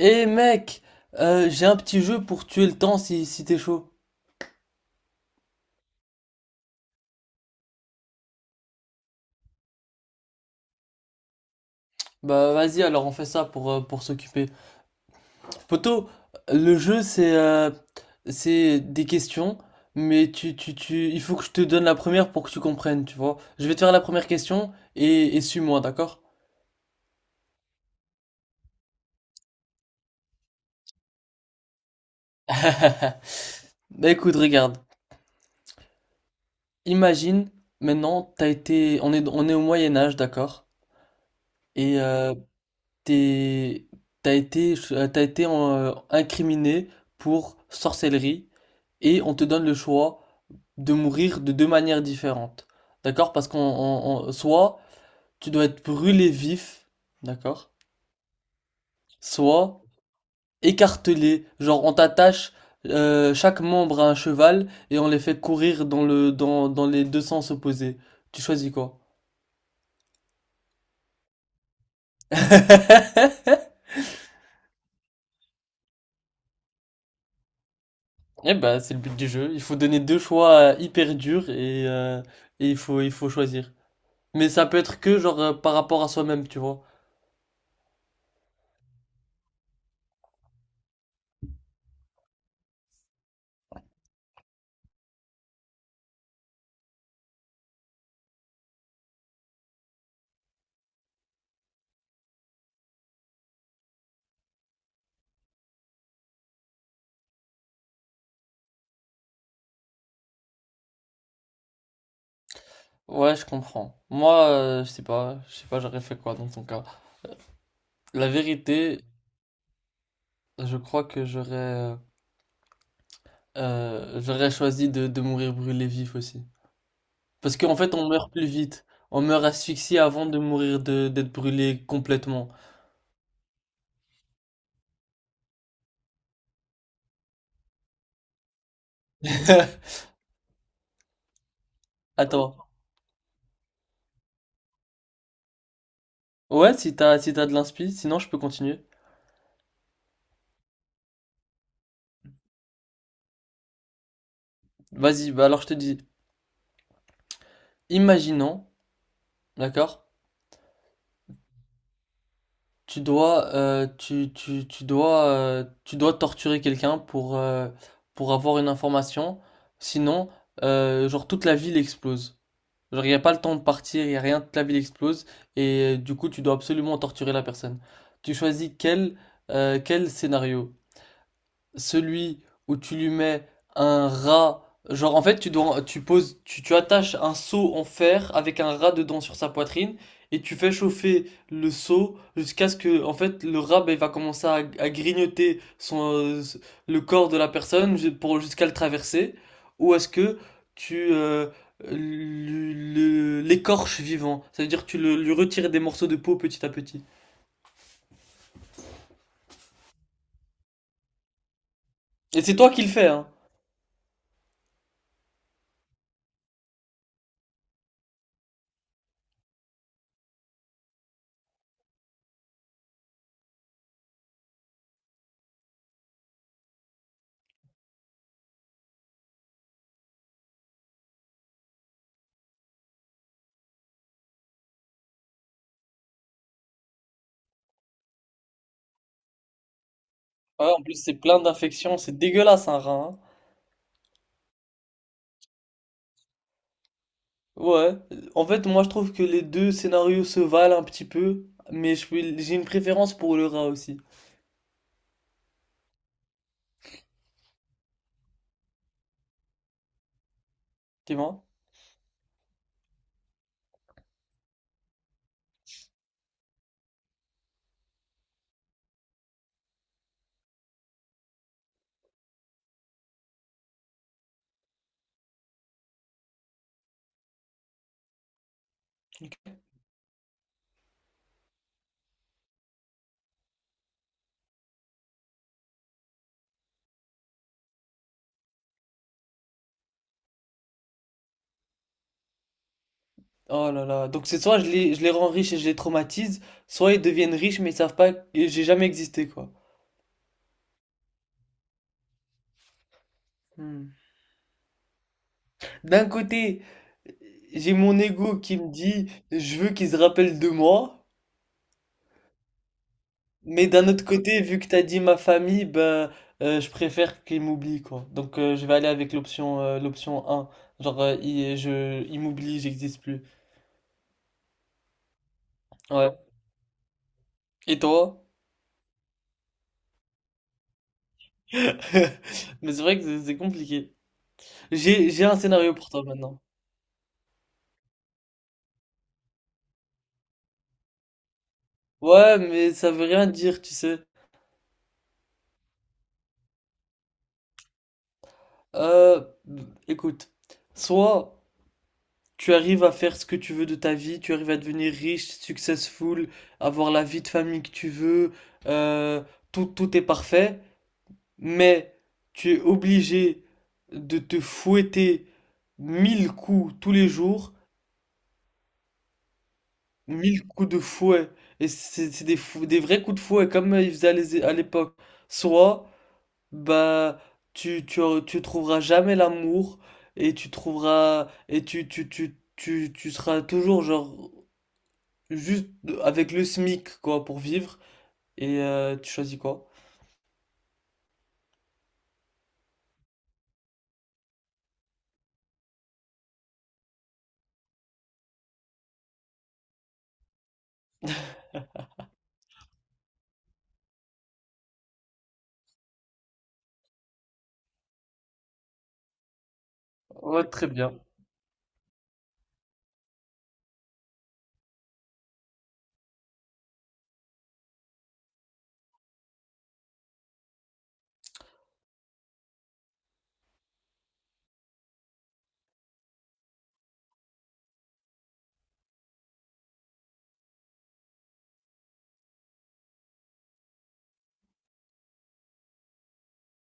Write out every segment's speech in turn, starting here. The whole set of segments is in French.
Eh mec, j'ai un petit jeu pour tuer le temps si t'es chaud. Bah vas-y alors on fait ça pour s'occuper. Poto, le jeu c'est c'est des questions, mais il faut que je te donne la première pour que tu comprennes, tu vois. Je vais te faire la première question et suis-moi, d'accord? Bah écoute, regarde. Imagine, maintenant, on est au Moyen Âge, d'accord? Et t'es, t'as été incriminé pour sorcellerie et on te donne le choix de mourir de deux manières différentes. D'accord? Parce qu'on, on- soit tu dois être brûlé vif, d'accord? Soit écartelé, genre on t'attache chaque membre à un cheval et on les fait courir dans dans les deux sens opposés. Tu choisis quoi? Eh ben, c'est le but du jeu. Il faut donner deux choix hyper durs, il faut choisir. Mais ça peut être que genre par rapport à soi-même, tu vois. Ouais, je comprends. Moi, je sais pas, j'aurais fait quoi dans ton cas. La vérité, je crois que j'aurais choisi de mourir brûlé vif aussi. Parce qu'en fait, on meurt plus vite. On meurt asphyxié avant de mourir de d'être brûlé complètement. Attends. Ouais, si t'as de l'inspi, sinon je peux continuer. Vas-y, bah alors je te dis, imaginons, d'accord? Tu dois, tu, tu, tu dois torturer quelqu'un pour avoir une information. Sinon, genre toute la ville explose. Genre, il n'y a pas le temps de partir, il n'y a rien, toute la ville explose. Et du coup, tu dois absolument torturer la personne. Tu choisis quel scénario. Celui où tu lui mets un rat, genre en fait tu attaches un seau en fer avec un rat dedans sur sa poitrine et tu fais chauffer le seau jusqu'à ce que en fait le rat ben, il va commencer à grignoter le corps de la personne pour jusqu'à le traverser ou est-ce que tu l'écorches vivant, ça veut dire que tu lui retires des morceaux de peau petit à petit. Et c'est toi qui le fais hein. Ouais, en plus c'est plein d'infections, c'est dégueulasse un rat hein. Ouais, en fait, moi je trouve que les deux scénarios se valent un petit peu, mais j'ai une préférence pour le rat aussi, tu vois? Oh là là, donc c'est soit je les rends riches et je les traumatise, soit ils deviennent riches mais ils savent pas que j'ai jamais existé, quoi. Hmm. D'un côté, j'ai mon ego qui me dit je veux qu'ils se rappellent de moi, mais d'un autre côté, vu que t'as dit ma famille, ben je préfère qu'ils m'oublient, quoi. Donc je vais aller avec l'option un ils m'oublient, j'existe plus. Ouais. Et toi? Mais c'est vrai que c'est compliqué. J'ai un scénario pour toi maintenant. Ouais, mais ça veut rien dire, tu sais. Euh, écoute. Soit tu arrives à faire ce que tu veux de ta vie, tu arrives à devenir riche, successful, avoir la vie de famille que tu veux, euh, tout est parfait, mais tu es obligé de te fouetter mille coups tous les jours. Mille coups de fouet. Et c'est des vrais coups de fouet comme ils faisaient à l'époque. Soit, bah, tu trouveras jamais l'amour et tu seras toujours genre juste avec le SMIC quoi pour vivre. Et tu choisis quoi? Ouais, très bien.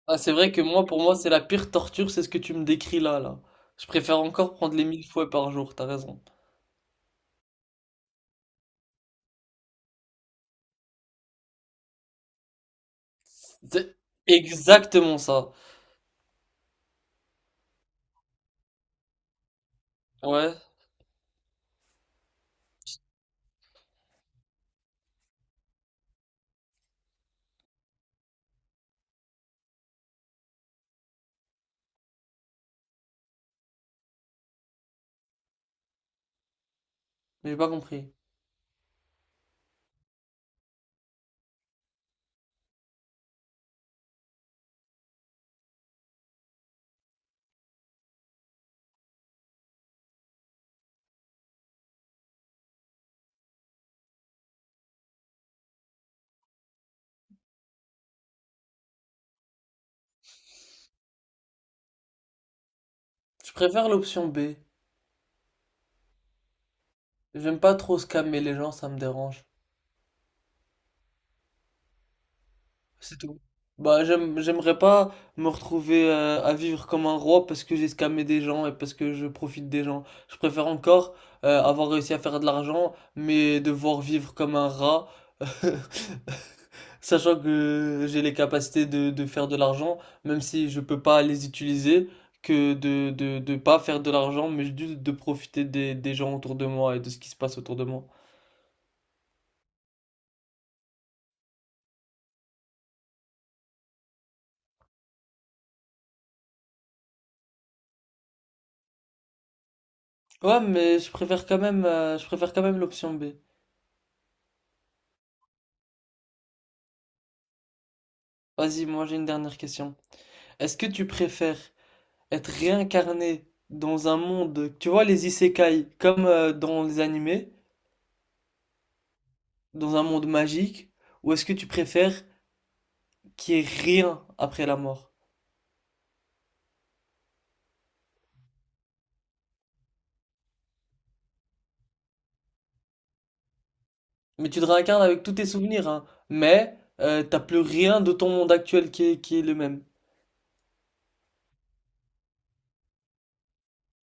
Ah, c'est vrai que moi, pour moi, c'est la pire torture, c'est ce que tu me décris là. Je préfère encore prendre les mille fouets par jour, t'as raison. C'est exactement ça. Ouais, mais j'ai pas compris. Je préfère l'option B. J'aime pas trop scammer les gens, ça me dérange. C'est tout. Bah, j'aimerais pas me retrouver à vivre comme un roi parce que j'ai scammé des gens et parce que je profite des gens. Je préfère encore avoir réussi à faire de l'argent, mais devoir vivre comme un rat, sachant que j'ai les capacités de faire de l'argent, même si je peux pas les utiliser, que de pas faire de l'argent, mais juste de profiter des gens autour de moi et de ce qui se passe autour de moi. Je préfère quand même l'option B. Vas-y, moi j'ai une dernière question. Est-ce que tu préfères être réincarné dans un monde, tu vois, les isekai, comme dans les animés, dans un monde magique, ou est-ce que tu préfères qu'il y ait rien après la mort? Mais tu te réincarnes avec tous tes souvenirs, hein, mais t'as plus rien de ton monde actuel qui est le même.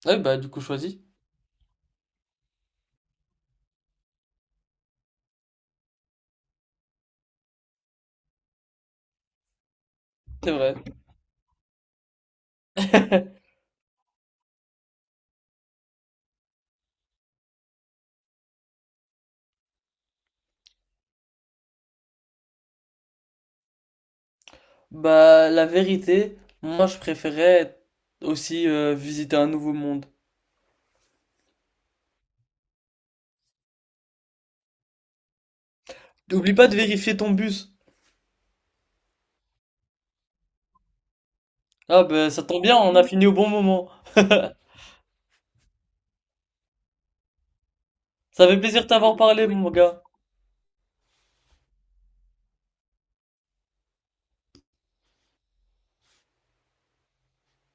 Ah oui, bah du coup choisis. C'est vrai. Bah, la vérité, moi je préférais aussi visiter un nouveau monde. Oublie pas de vérifier ton bus. Ah ben ça tombe bien, on a fini au bon moment. Ça fait plaisir de t'avoir parlé, mon gars.